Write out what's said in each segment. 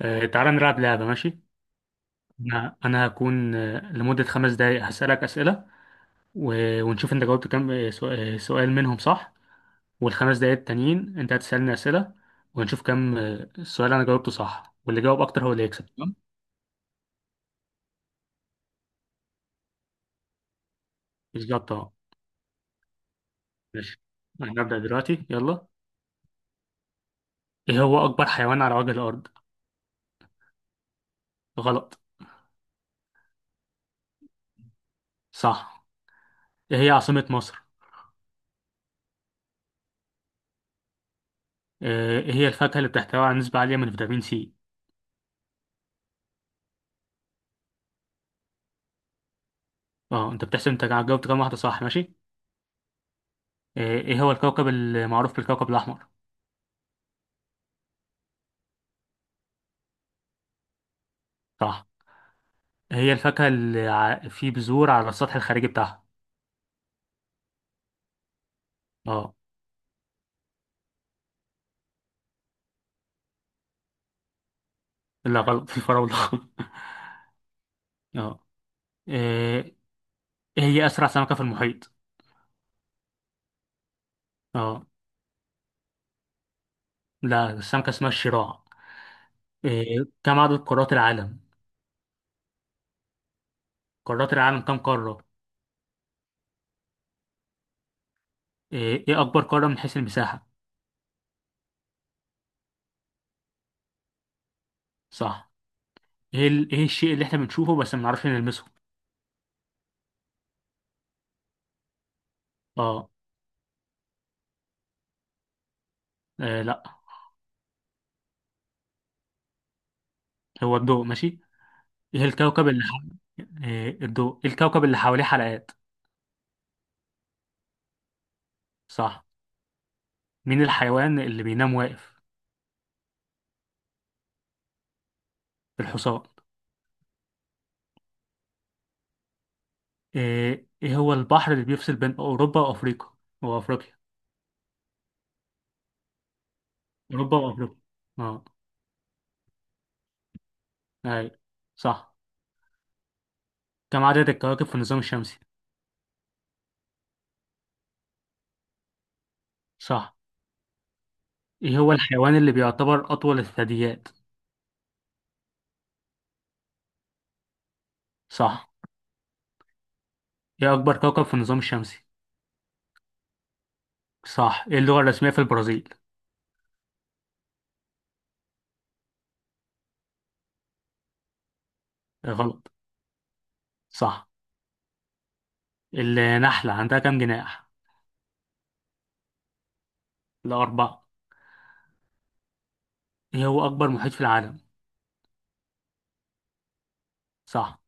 تعالى نلعب لعبة. ماشي. أنا هكون لمدة 5 دقايق هسألك أسئلة، و- ونشوف أنت جاوبت كام سؤال منهم صح. والخمس دقايق التانيين أنت هتسألني أسئلة، ونشوف كام السؤال أنا جاوبته صح، واللي جاوب أكتر هو اللي يكسب. تمام؟ بالظبط أه. ماشي. أنا هبدأ دلوقتي يلا. إيه هو أكبر حيوان على وجه الأرض؟ غلط. صح. إيه هي عاصمة مصر؟ إيه هي الفاكهة اللي بتحتوي على نسبة عالية من فيتامين سي؟ أه، أنت بتحسب أنت جاوبت كام واحدة صح ماشي؟ ايه هو الكوكب المعروف بالكوكب الاحمر؟ صح. هي الفاكهة اللي في بذور على السطح الخارجي بتاعها. اه. لا غلط، الفراولة. اه. إيه هي أسرع سمكة في المحيط؟ اه. لا، السمكة اسمها الشراع. إيه، كم عدد قارات العالم؟ قارات العالم كم قارة؟ إيه إيه أكبر قارة من حيث المساحة؟ صح. إيه إيه الشيء اللي إحنا بنشوفه بس ما بنعرفش نلمسه؟ اه. إيه لا، هو الضوء. ماشي. إيه الكوكب اللي إيه الضوء، إيه الكوكب اللي حواليه حلقات؟ صح. مين الحيوان اللي بينام واقف؟ الحصان. إيه إيه هو البحر اللي بيفصل بين أوروبا وأفريقيا وأفريقيا، أوروبا وأفريقيا، أه، أي، صح. كم عدد الكواكب في النظام الشمسي؟ صح. إيه هو الحيوان اللي بيعتبر أطول الثدييات؟ صح. إيه أكبر كوكب في النظام الشمسي؟ صح. إيه اللغة الرسمية في البرازيل؟ إيه غلط. صح. النحلة عندها كم جناح؟ لا أربعة. إيه هو أكبر محيط في العالم؟ صح.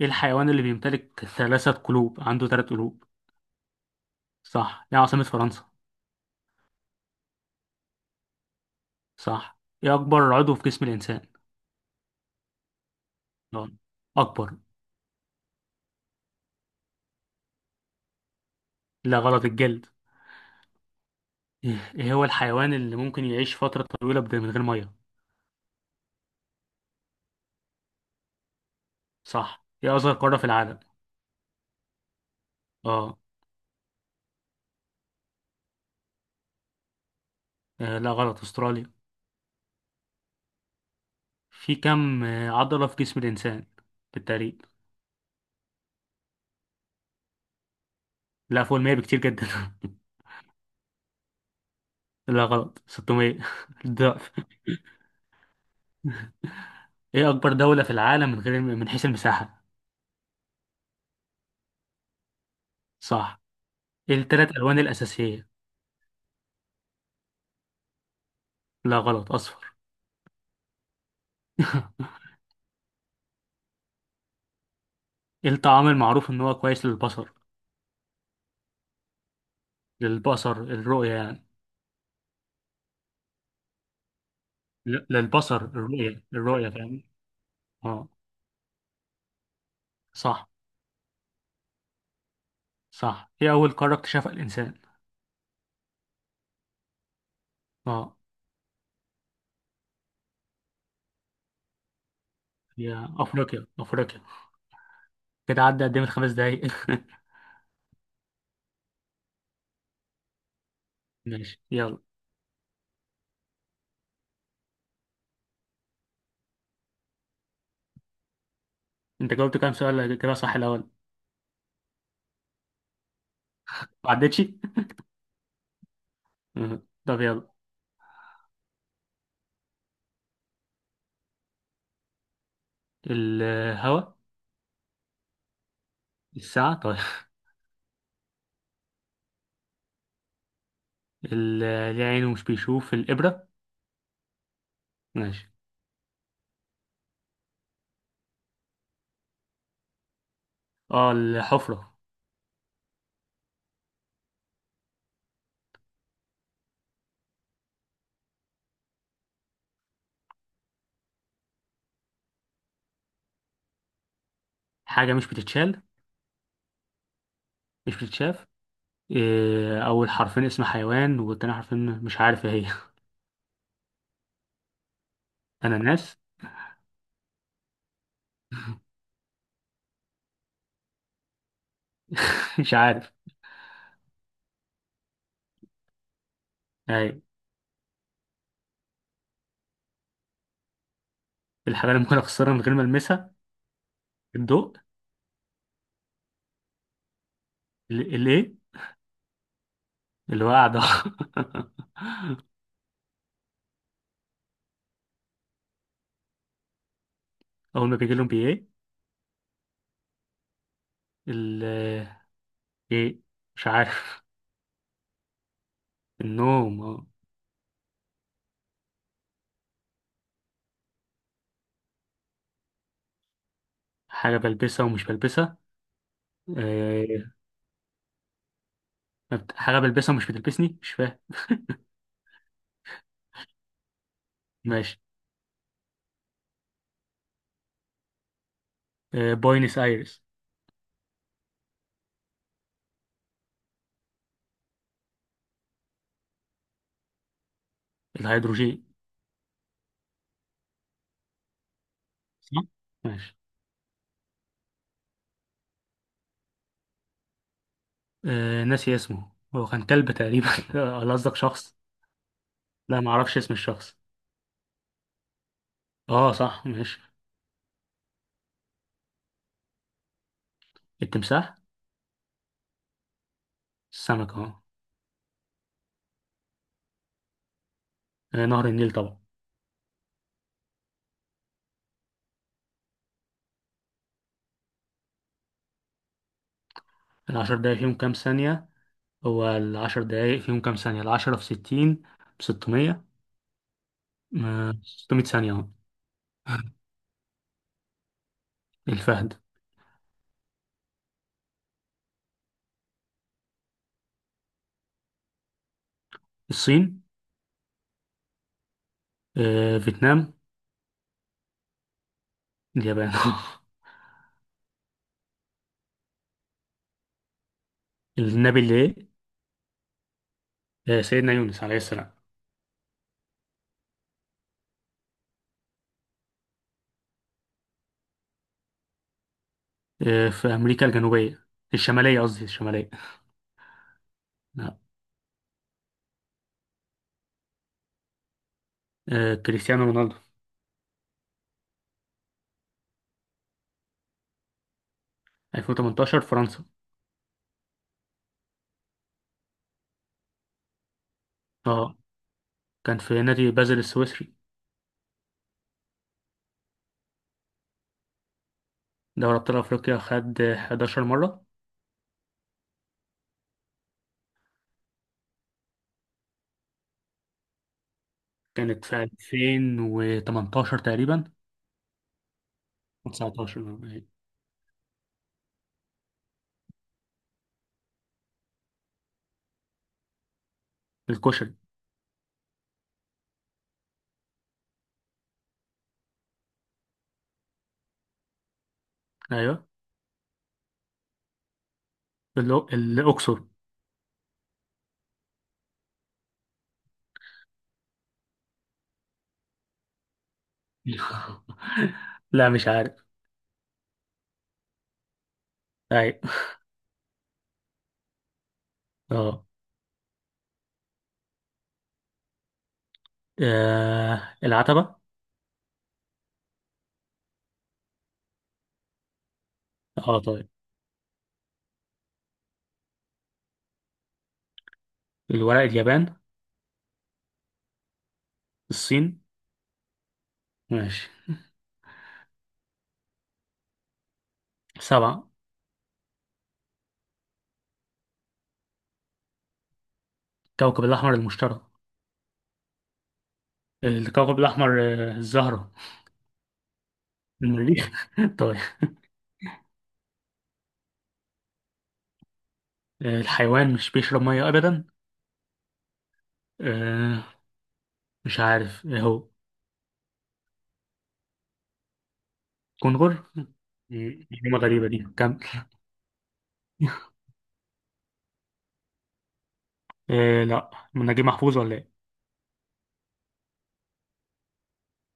إيه الحيوان اللي بيمتلك ثلاثة قلوب عنده ثلاث قلوب؟ صح. إيه عاصمة فرنسا؟ صح. إيه أكبر عضو في جسم الإنسان؟ نعم. أكبر. لا غلط، الجلد. إيه إيه هو الحيوان اللي ممكن يعيش فترة طويلة من غير مية؟ صح. إيه أصغر قارة في العالم؟ آه. لا غلط، أستراليا. في كم عضلة في جسم الإنسان بالتقريب؟ لا فوق المية بكتير جدا. لا غلط 600. الضعف. إيه أكبر دولة في العالم من غير من حيث المساحة؟ صح. إيه التلات ألوان الأساسية؟ لا غلط أصفر. إيه الطعام المعروف إن هو كويس للبصر؟ للبصر الرؤية يعني. للبصر الرؤية الرؤية فاهم. اه. صح. صح. هي أول قارة اكتشفها الإنسان؟ اه. هي أفريقيا أفريقيا. كده عدى قدام الـ5 دقايق. ماشي يلا. أنت جاوبت كام سؤال كده صح الأول؟ ما عدتش؟ آه. طب يلا. الهواء. الساعة طيب. اللي عينه مش بيشوف الإبرة. ماشي. اه الحفرة. حاجة مش بتتشال. مش بتتشاف. إيه، أول حرفين اسم حيوان والتاني حرفين مش عارف ايه هي. أناناس. مش عارف. أيوة. الحاجة اللي ممكن أخسرها من غير ما ألمسها؟ الضوء. الايه؟ الوعد. اول ما بيجي لهم بايه؟ ال ايه مش عارف. النوم آه. حاجه بلبسها ومش بلبسها. آه، ما حاجه بلبسها ومش بتلبسني مش فاهم. ماشي. بوينس ايرس. الهيدروجين. صح. ماشي. ناسي اسمه، هو كان كلب تقريبا. ولا قصدك شخص؟ لا ما اعرفش اسم الشخص. اه صح ماشي. التمساح. السمك اه. نهر النيل طبعا. العشر دقايق فيهم كام ثانيه؟ هو 10 دقايق فيهم كام ثانية؟ 10 في 60 بـ600. 600 ثانية أهو. الفهد. الصين. فيتنام. اليابان. النبي اللي إيه؟ سيدنا يونس عليه السلام. في أمريكا الجنوبية. الشمالية قصدي الشمالية. لا. كريستيانو رونالدو. 2018 فرنسا. اه كان في نادي بازل السويسري. دوري أبطال أفريقيا خد 11 مرة. كانت في 2018 تقريبا. و19. الكشري. ايوه. الأقصر. لا مش عارف. أيوة. أه. العتبة. أه طيب. الورق، اليابان. الصين. ماشي. سبعة. الكوكب الأحمر المشتري. الكوكب الأحمر الزهرة. المريخ. طيب. الحيوان مش بيشرب مية أبدا. آه، مش عارف إيه هو. كنغر. معلومة غريبة دي كمل. لا، من نجيب محفوظ ولا إيه؟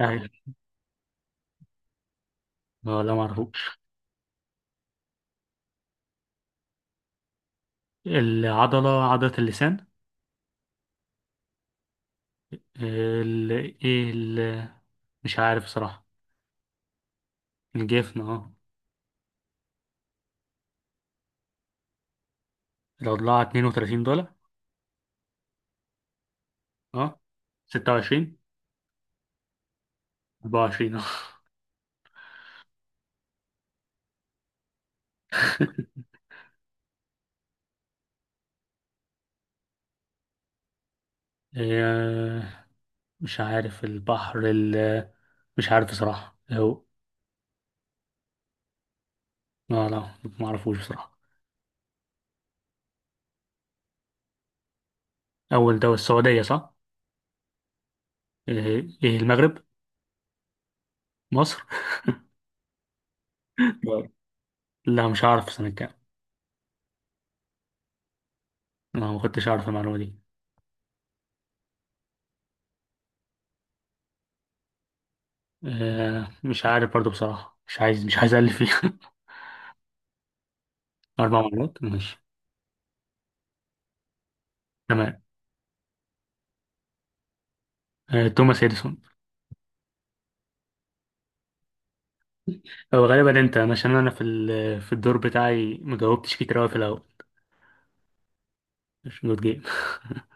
أيوة. أه لا معرفوش. العضلة عضلة اللسان. ال ايه ال مش عارف صراحة. الجفن اه. الأضلاع $32. اه. 26. 24 اه. آه، مش عارف. البحر ال مش عارف بصراحة هو. لا لا. ما اعرفوش بصراحة. أول دولة السعودية صح؟ إيه إيه المغرب؟ مصر؟ لا لا مش عارف سنة كام. أنا ما كنتش أعرف المعلومة دي. آه مش عارف برضو بصراحة. مش عايز ألف فيها. أربع مرات ماشي. تمام. آه توماس إديسون. هو غالبا انت، عشان انا في في الدور بتاعي مجاوبتش كتير اوي في الاول. مش جود جيم.